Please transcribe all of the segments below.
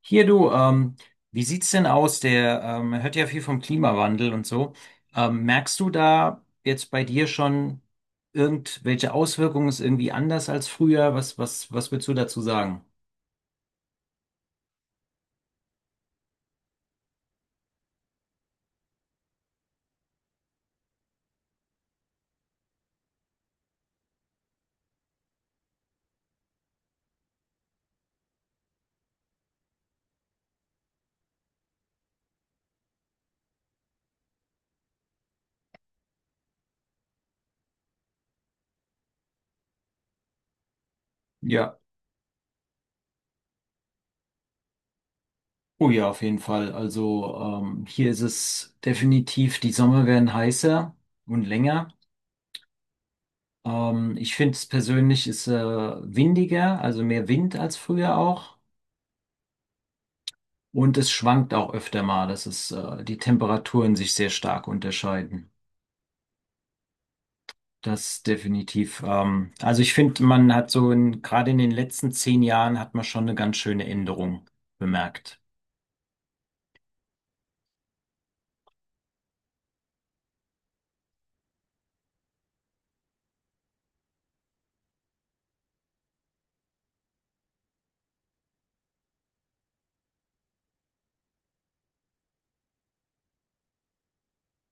Hier du, wie sieht's denn aus? Der Man hört ja viel vom Klimawandel und so. Merkst du da jetzt bei dir schon irgendwelche Auswirkungen? Ist irgendwie anders als früher? Was würdest du dazu sagen? Ja, oh ja, auf jeden Fall. Also hier ist es definitiv, die Sommer werden heißer und länger. Ich finde es persönlich ist windiger, also mehr Wind als früher auch. Und es schwankt auch öfter mal, dass es die Temperaturen sich sehr stark unterscheiden. Das definitiv. Also ich finde, man hat gerade in den letzten 10 Jahren hat man schon eine ganz schöne Änderung bemerkt.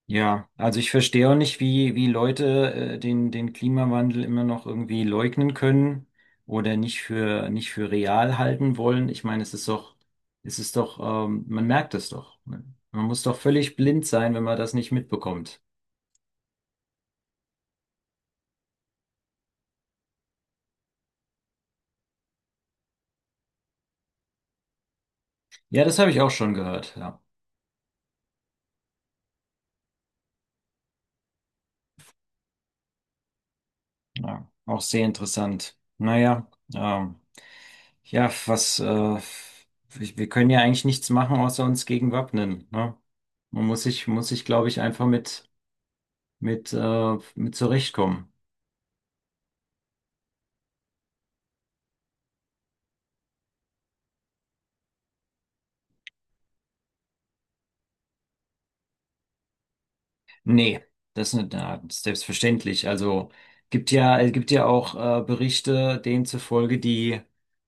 Ja, also ich verstehe auch nicht, wie Leute den Klimawandel immer noch irgendwie leugnen können oder nicht für real halten wollen. Ich meine, es ist doch, man merkt es doch, ne? Man muss doch völlig blind sein, wenn man das nicht mitbekommt. Ja, das habe ich auch schon gehört. Ja, ja, auch sehr interessant. Naja, ähm, ja, was, ich, wir können ja eigentlich nichts machen, außer uns gegen wappnen, ne? Muss sich, glaube ich, einfach mit zurechtkommen. Nee, das ist nicht, na, selbstverständlich. Also, es gibt ja auch Berichte, denen zufolge die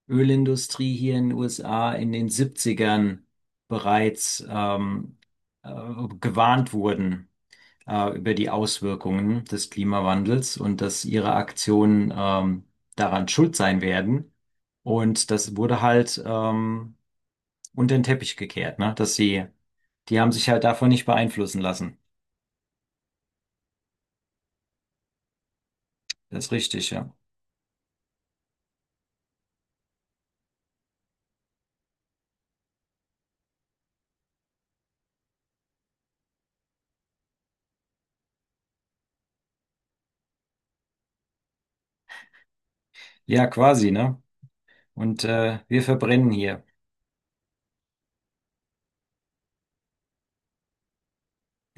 Ölindustrie hier in den USA in den Siebzigern bereits, äh, gewarnt wurden über die Auswirkungen des Klimawandels und dass ihre Aktionen daran schuld sein werden. Und das wurde halt unter den Teppich gekehrt, ne? Die haben sich halt davon nicht beeinflussen lassen. Das ist richtig, ja. Ja, quasi, ne? Und wir verbrennen hier.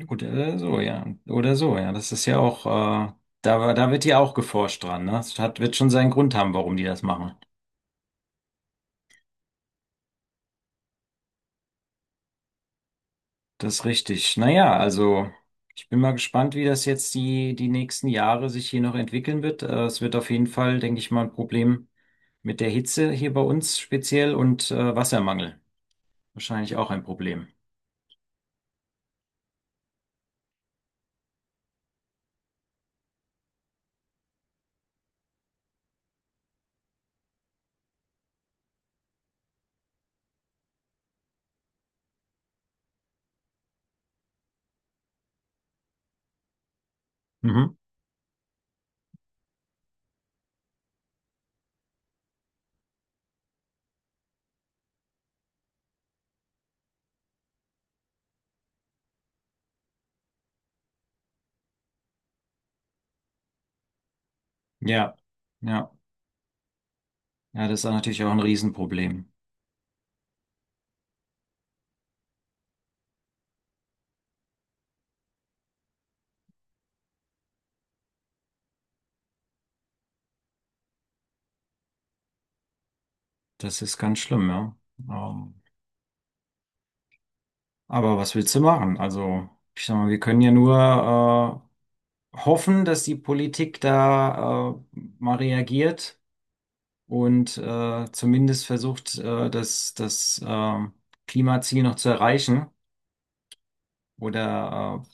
Oder so, ja. Oder so, ja. Das ist ja auch, da wird ja auch geforscht dran, ne? Wird schon seinen Grund haben, warum die das machen. Das ist richtig. Naja, also ich bin mal gespannt, wie das jetzt die nächsten Jahre sich hier noch entwickeln wird. Es wird auf jeden Fall, denke ich mal, ein Problem mit der Hitze hier bei uns speziell und Wassermangel. Wahrscheinlich auch ein Problem. Mhm. Ja, ja, ja, das ist natürlich auch ein Riesenproblem. Das ist ganz schlimm, ja. Ähm, aber was willst du machen? Also, ich sag mal, wir können ja nur hoffen, dass die Politik da mal reagiert und zumindest versucht, das Klimaziel noch zu erreichen oder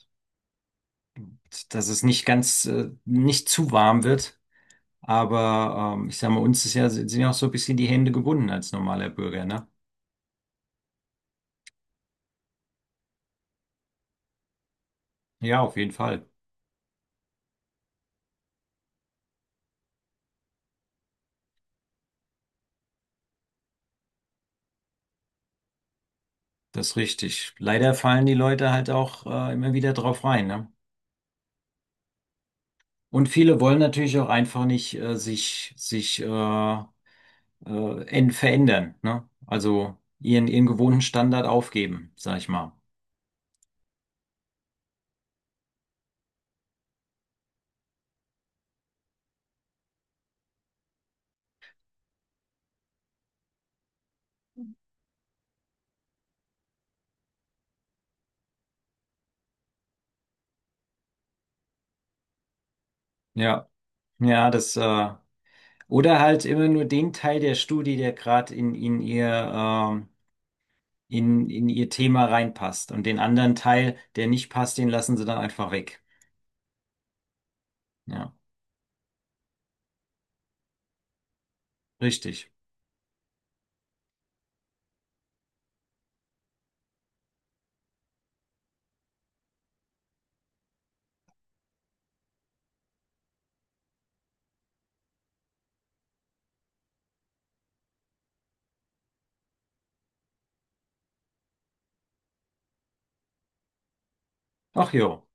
dass es nicht ganz, nicht zu warm wird. Aber ich sag mal, sind ja auch so ein bisschen die Hände gebunden als normaler Bürger, ne? Ja, auf jeden Fall. Das ist richtig. Leider fallen die Leute halt auch immer wieder drauf rein, ne? Und viele wollen natürlich auch einfach nicht verändern, ne? Also ihren gewohnten Standard aufgeben, sag ich mal. Ja, ja, das, äh, oder halt immer nur den Teil der Studie, der gerade in ihr Thema reinpasst. Und den anderen Teil, der nicht passt, den lassen sie dann einfach weg. Ja, richtig. Ach jo,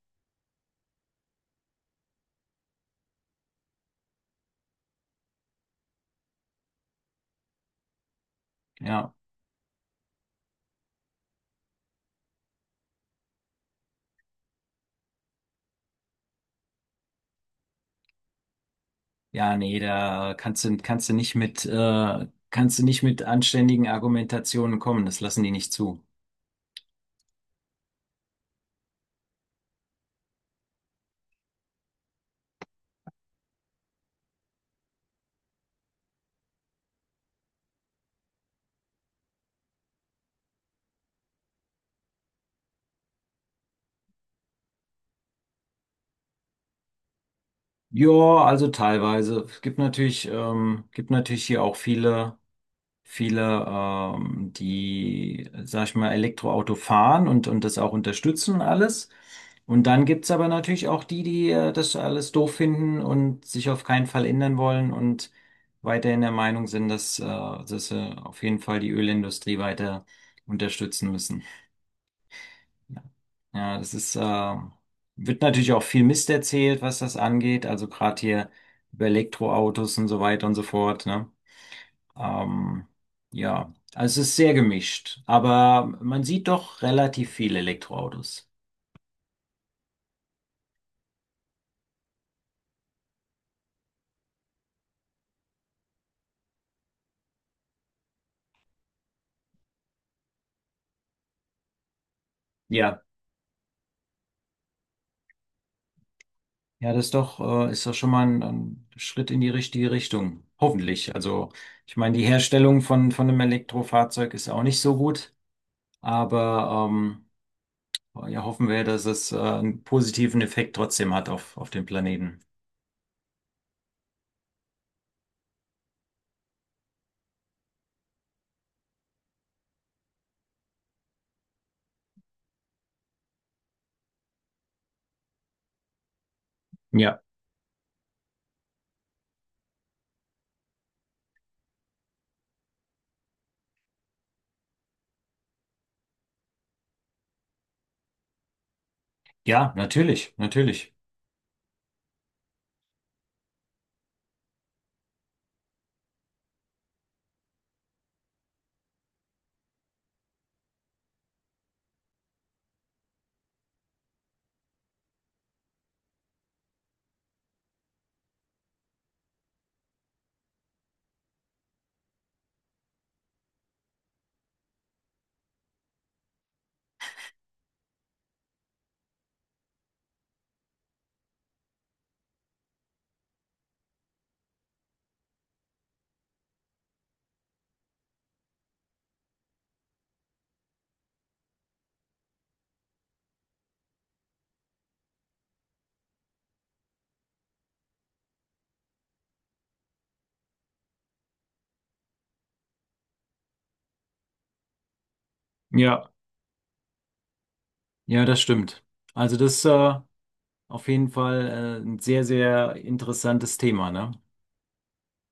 ja. Ja, nee, kannst du nicht kannst du nicht mit anständigen Argumentationen kommen. Das lassen die nicht zu. Ja, also teilweise. Es gibt natürlich hier auch viele. Viele, die, sag ich mal, Elektroauto fahren und das auch unterstützen und alles. Und dann gibt's aber natürlich auch die, die das alles doof finden und sich auf keinen Fall ändern wollen und weiterhin der Meinung sind, dass sie auf jeden Fall die Ölindustrie weiter unterstützen müssen. Ja, ja, wird natürlich auch viel Mist erzählt, was das angeht. Also gerade hier über Elektroautos und so weiter und so fort, ne? Ähm, ja, also es ist sehr gemischt, aber man sieht doch relativ viele Elektroautos. Ja, ja, ist doch schon mal ein Schritt in die richtige Richtung. Hoffentlich. Also, ich meine, die Herstellung von einem Elektrofahrzeug ist auch nicht so gut, aber ja, hoffen wir, dass es einen positiven Effekt trotzdem hat auf den Planeten. Ja. Ja, natürlich, natürlich. Ja, ja, das stimmt. Also das, äh, Auf jeden Fall ein sehr, sehr interessantes Thema, ne?